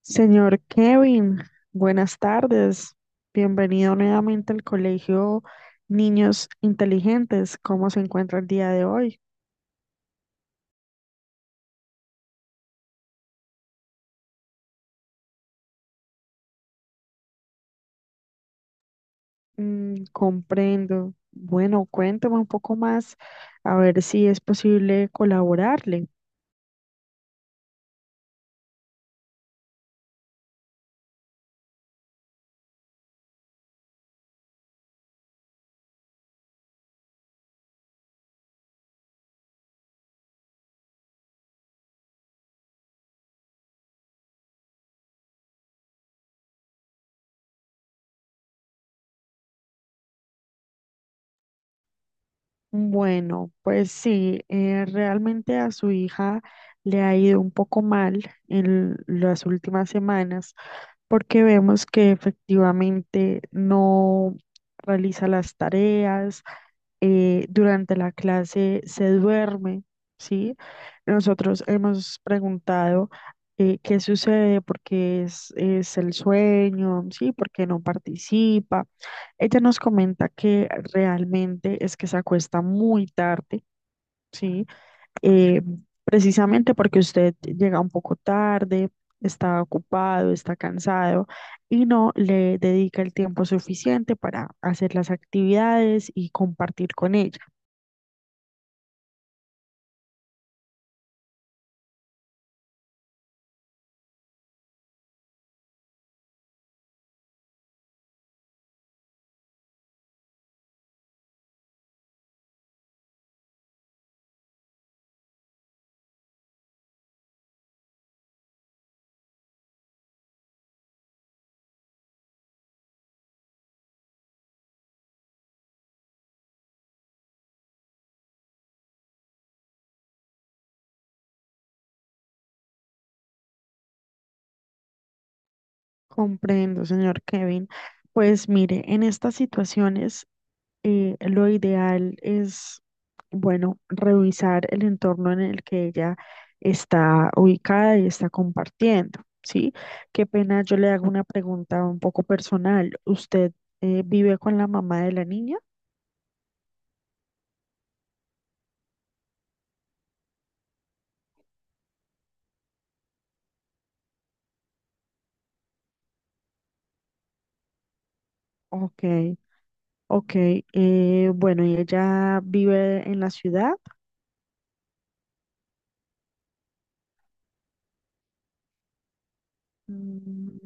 Señor Kevin, buenas tardes. Bienvenido nuevamente al Colegio Niños Inteligentes. ¿Cómo se encuentra el día de hoy? Mm, comprendo. Bueno, cuénteme un poco más a ver si es posible colaborarle. Bueno, pues sí, realmente a su hija le ha ido un poco mal en las últimas semanas porque vemos que efectivamente no realiza las tareas, durante la clase se duerme, ¿sí? Nosotros hemos preguntado, qué sucede, es el sueño, ¿sí? ¿Por qué no participa? Ella nos comenta que realmente es que se acuesta muy tarde, ¿sí? Eh, precisamente porque usted llega un poco tarde, está ocupado, está cansado y no le dedica el tiempo suficiente para hacer las actividades y compartir con ella. Comprendo, señor Kevin. Pues mire, en estas situaciones, eh, lo ideal es, bueno, revisar el entorno en el que ella está ubicada y está compartiendo, ¿sí? Qué pena, yo le hago una pregunta un poco personal. ¿Usted, vive con la mamá de la niña? Ok, ok. Eh, bueno, ¿y ella vive en la ciudad? Mm.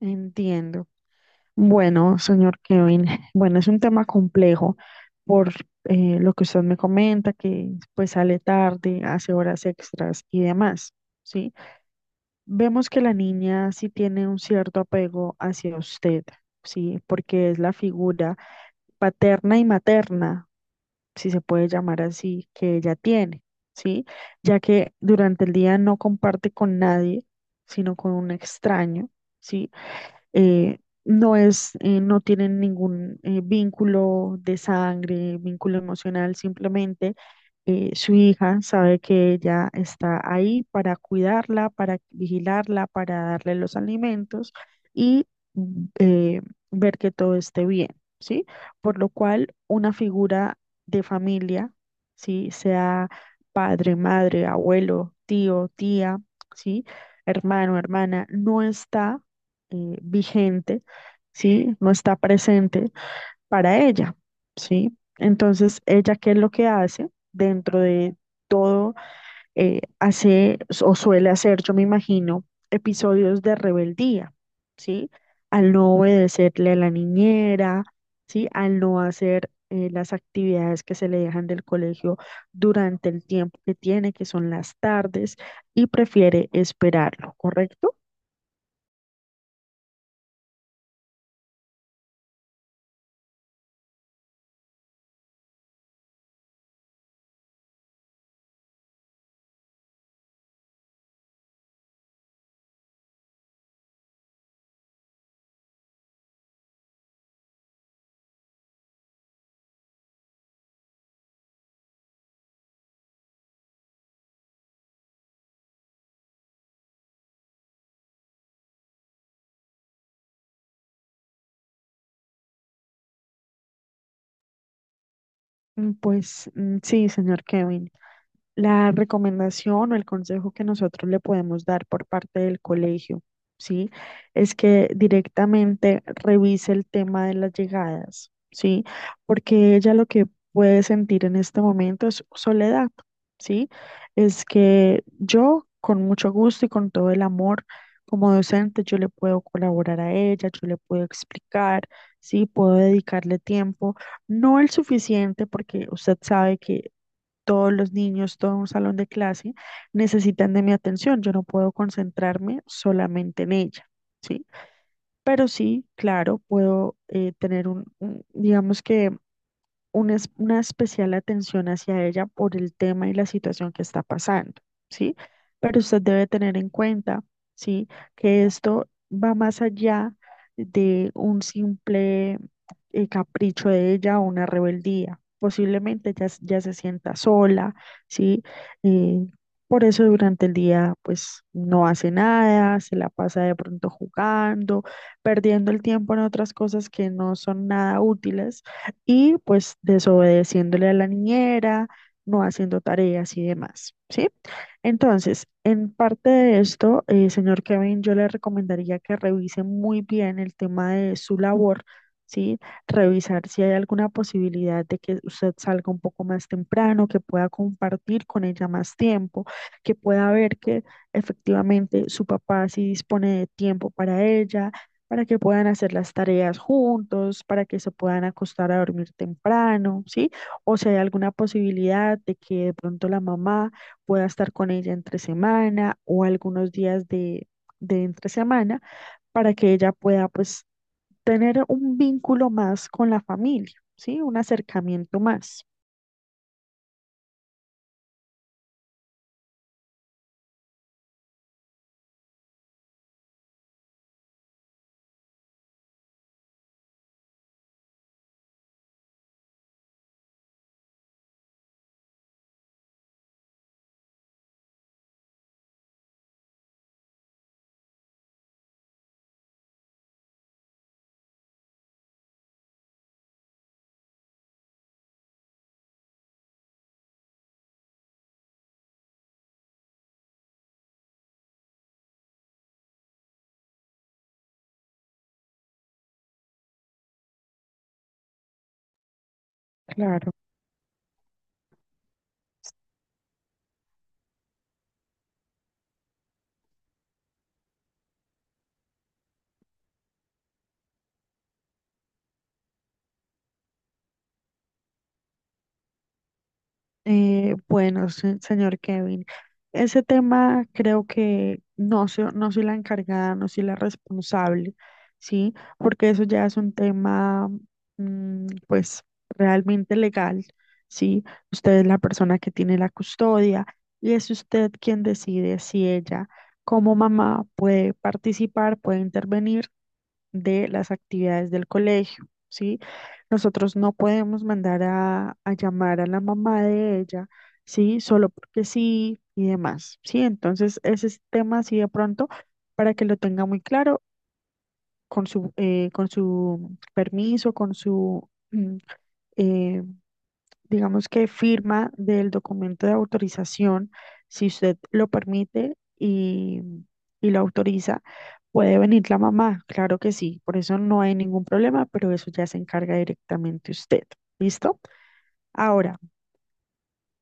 Entiendo. Bueno, señor Kevin, bueno, es un tema complejo por, lo que usted me comenta, que pues sale tarde, hace horas extras y demás, ¿sí? Vemos que la niña sí tiene un cierto apego hacia usted, ¿sí? Porque es la figura paterna y materna, si se puede llamar así, que ella tiene, ¿sí? Ya que durante el día no comparte con nadie, sino con un extraño, ¿sí? eh, no no tienen ningún vínculo de sangre, vínculo emocional, simplemente, su hija sabe que ella está ahí para cuidarla, para vigilarla, para darle los alimentos y, mm, eh, ver que todo esté bien, ¿sí? Por lo cual, una figura de familia, ¿sí? Sea padre, madre, abuelo, tío, tía, ¿sí? Hermano, hermana, no está vigente, ¿sí? No está presente para ella, ¿sí? Entonces, ella, ¿qué es lo que hace dentro de todo? Eh, hace o suele hacer, yo me imagino, episodios de rebeldía, ¿sí? Al no obedecerle a la niñera, ¿sí? Al no hacer las actividades que se le dejan del colegio durante el tiempo que tiene, que son las tardes, y prefiere esperarlo, ¿correcto? Mm, pues mm, sí, señor Kevin, la recomendación o el consejo que nosotros le podemos dar por parte del colegio, ¿sí? Es que directamente revise el tema de las llegadas, ¿sí? Porque ella lo que puede sentir en este momento es soledad, ¿sí? Es que yo, con mucho gusto y con todo el amor, como docente, yo le puedo colaborar a ella, yo le puedo explicar, ¿sí? Puedo dedicarle tiempo. No el suficiente, porque usted sabe que todos los niños, todo un salón de clase necesitan de mi atención. Yo no puedo concentrarme solamente en ella, ¿sí? Pero sí, claro, puedo, tener digamos que una especial atención hacia ella por el tema y la situación que está pasando, ¿sí? Pero usted debe tener en cuenta, ¿sí? Que esto va más allá de un simple capricho de ella o una rebeldía. Posiblemente ya se sienta sola, ¿sí? Eh, por eso durante el día, pues, no hace nada, se la pasa de pronto jugando, perdiendo el tiempo en otras cosas que no son nada útiles y pues desobedeciéndole a la niñera, no haciendo tareas y demás, ¿sí? Entonces, en parte de esto, señor Kevin, yo le recomendaría que revise muy bien el tema de su labor, ¿sí? Revisar si hay alguna posibilidad de que usted salga un poco más temprano, que pueda compartir con ella más tiempo, que pueda ver que efectivamente su papá sí dispone de tiempo para ella, para que puedan hacer las tareas juntos, para que se puedan acostar a dormir temprano, ¿sí? O si hay alguna posibilidad de que de pronto la mamá pueda estar con ella entre semana o algunos días de entre semana, para que ella pueda pues tener un vínculo más con la familia, ¿sí? Un acercamiento más. Claro. Señor Kevin, ese tema creo que no soy la encargada, no soy la responsable, ¿sí? Porque eso ya es un tema, pues, realmente legal, ¿sí? Usted es la persona que tiene la custodia y es usted quien decide si ella, como mamá, puede participar, puede intervenir de las actividades del colegio, ¿sí? Nosotros no podemos mandar a llamar a la mamá de ella, ¿sí? Solo porque sí y demás, ¿sí? Entonces, ese es tema así de pronto, para que lo tenga muy claro, con con su permiso, eh, digamos que firma del documento de autorización, si usted lo permite y lo autoriza, puede venir la mamá, claro que sí, por eso no hay ningún problema, pero eso ya se encarga directamente usted, ¿listo? Ahora,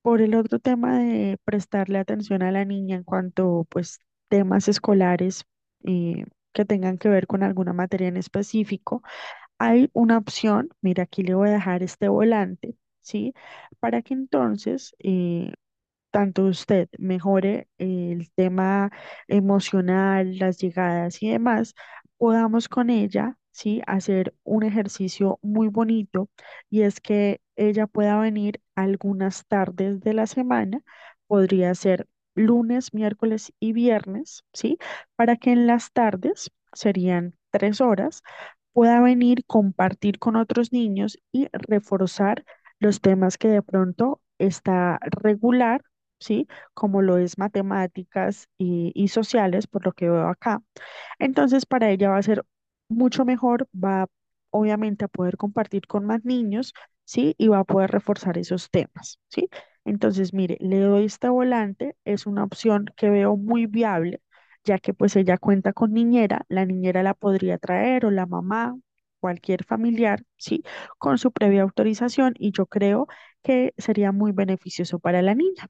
por el otro tema de prestarle atención a la niña en cuanto, pues, temas escolares, eh, que tengan que ver con alguna materia en específico. Hay una opción, mira, aquí le voy a dejar este volante, ¿sí? Para que entonces, tanto usted mejore el tema emocional, las llegadas y demás, podamos con ella, ¿sí? Hacer un ejercicio muy bonito y es que ella pueda venir algunas tardes de la semana, podría ser lunes, miércoles y viernes, ¿sí? Para que en las tardes, serían 3 horas, pueda venir, compartir con otros niños y reforzar los temas que de pronto está regular, ¿sí? Como lo es matemáticas y sociales, por lo que veo acá. Entonces, para ella va a ser mucho mejor, va obviamente a poder compartir con más niños, ¿sí? Y va a poder reforzar esos temas, ¿sí? Entonces, mire, le doy este volante, es una opción que veo muy viable, ya que pues ella cuenta con niñera la podría traer o la mamá, cualquier familiar, ¿sí? Con su previa autorización y yo creo que sería muy beneficioso para la niña.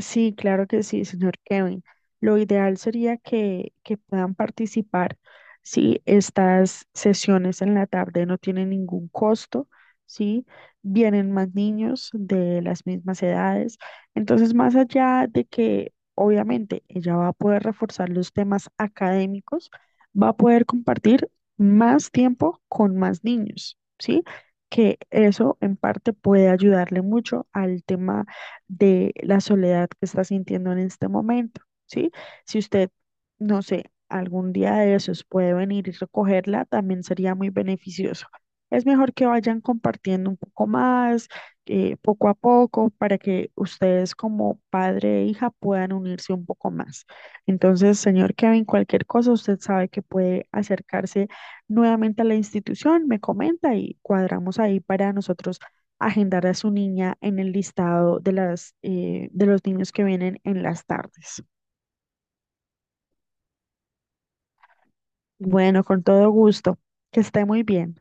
Sí, claro que sí, señor Kevin. Lo ideal sería que puedan participar si estas sesiones en la tarde no tienen ningún costo, ¿sí? Vienen más niños de las mismas edades. Entonces, más allá de que obviamente ella va a poder reforzar los temas académicos, va a poder compartir más tiempo con más niños, ¿sí? Que eso en parte puede ayudarle mucho al tema de la soledad que está sintiendo en este momento, ¿sí? Si usted, no sé, algún día de esos puede venir y recogerla, también sería muy beneficioso. Es mejor que vayan compartiendo un poco más, poco a poco, para que ustedes como padre e hija puedan unirse un poco más. Entonces, señor Kevin, cualquier cosa, usted sabe que puede acercarse nuevamente a la institución, me comenta y cuadramos ahí para nosotros agendar a su niña en el listado de de los niños que vienen en las tardes. Bueno, con todo gusto. Que esté muy bien.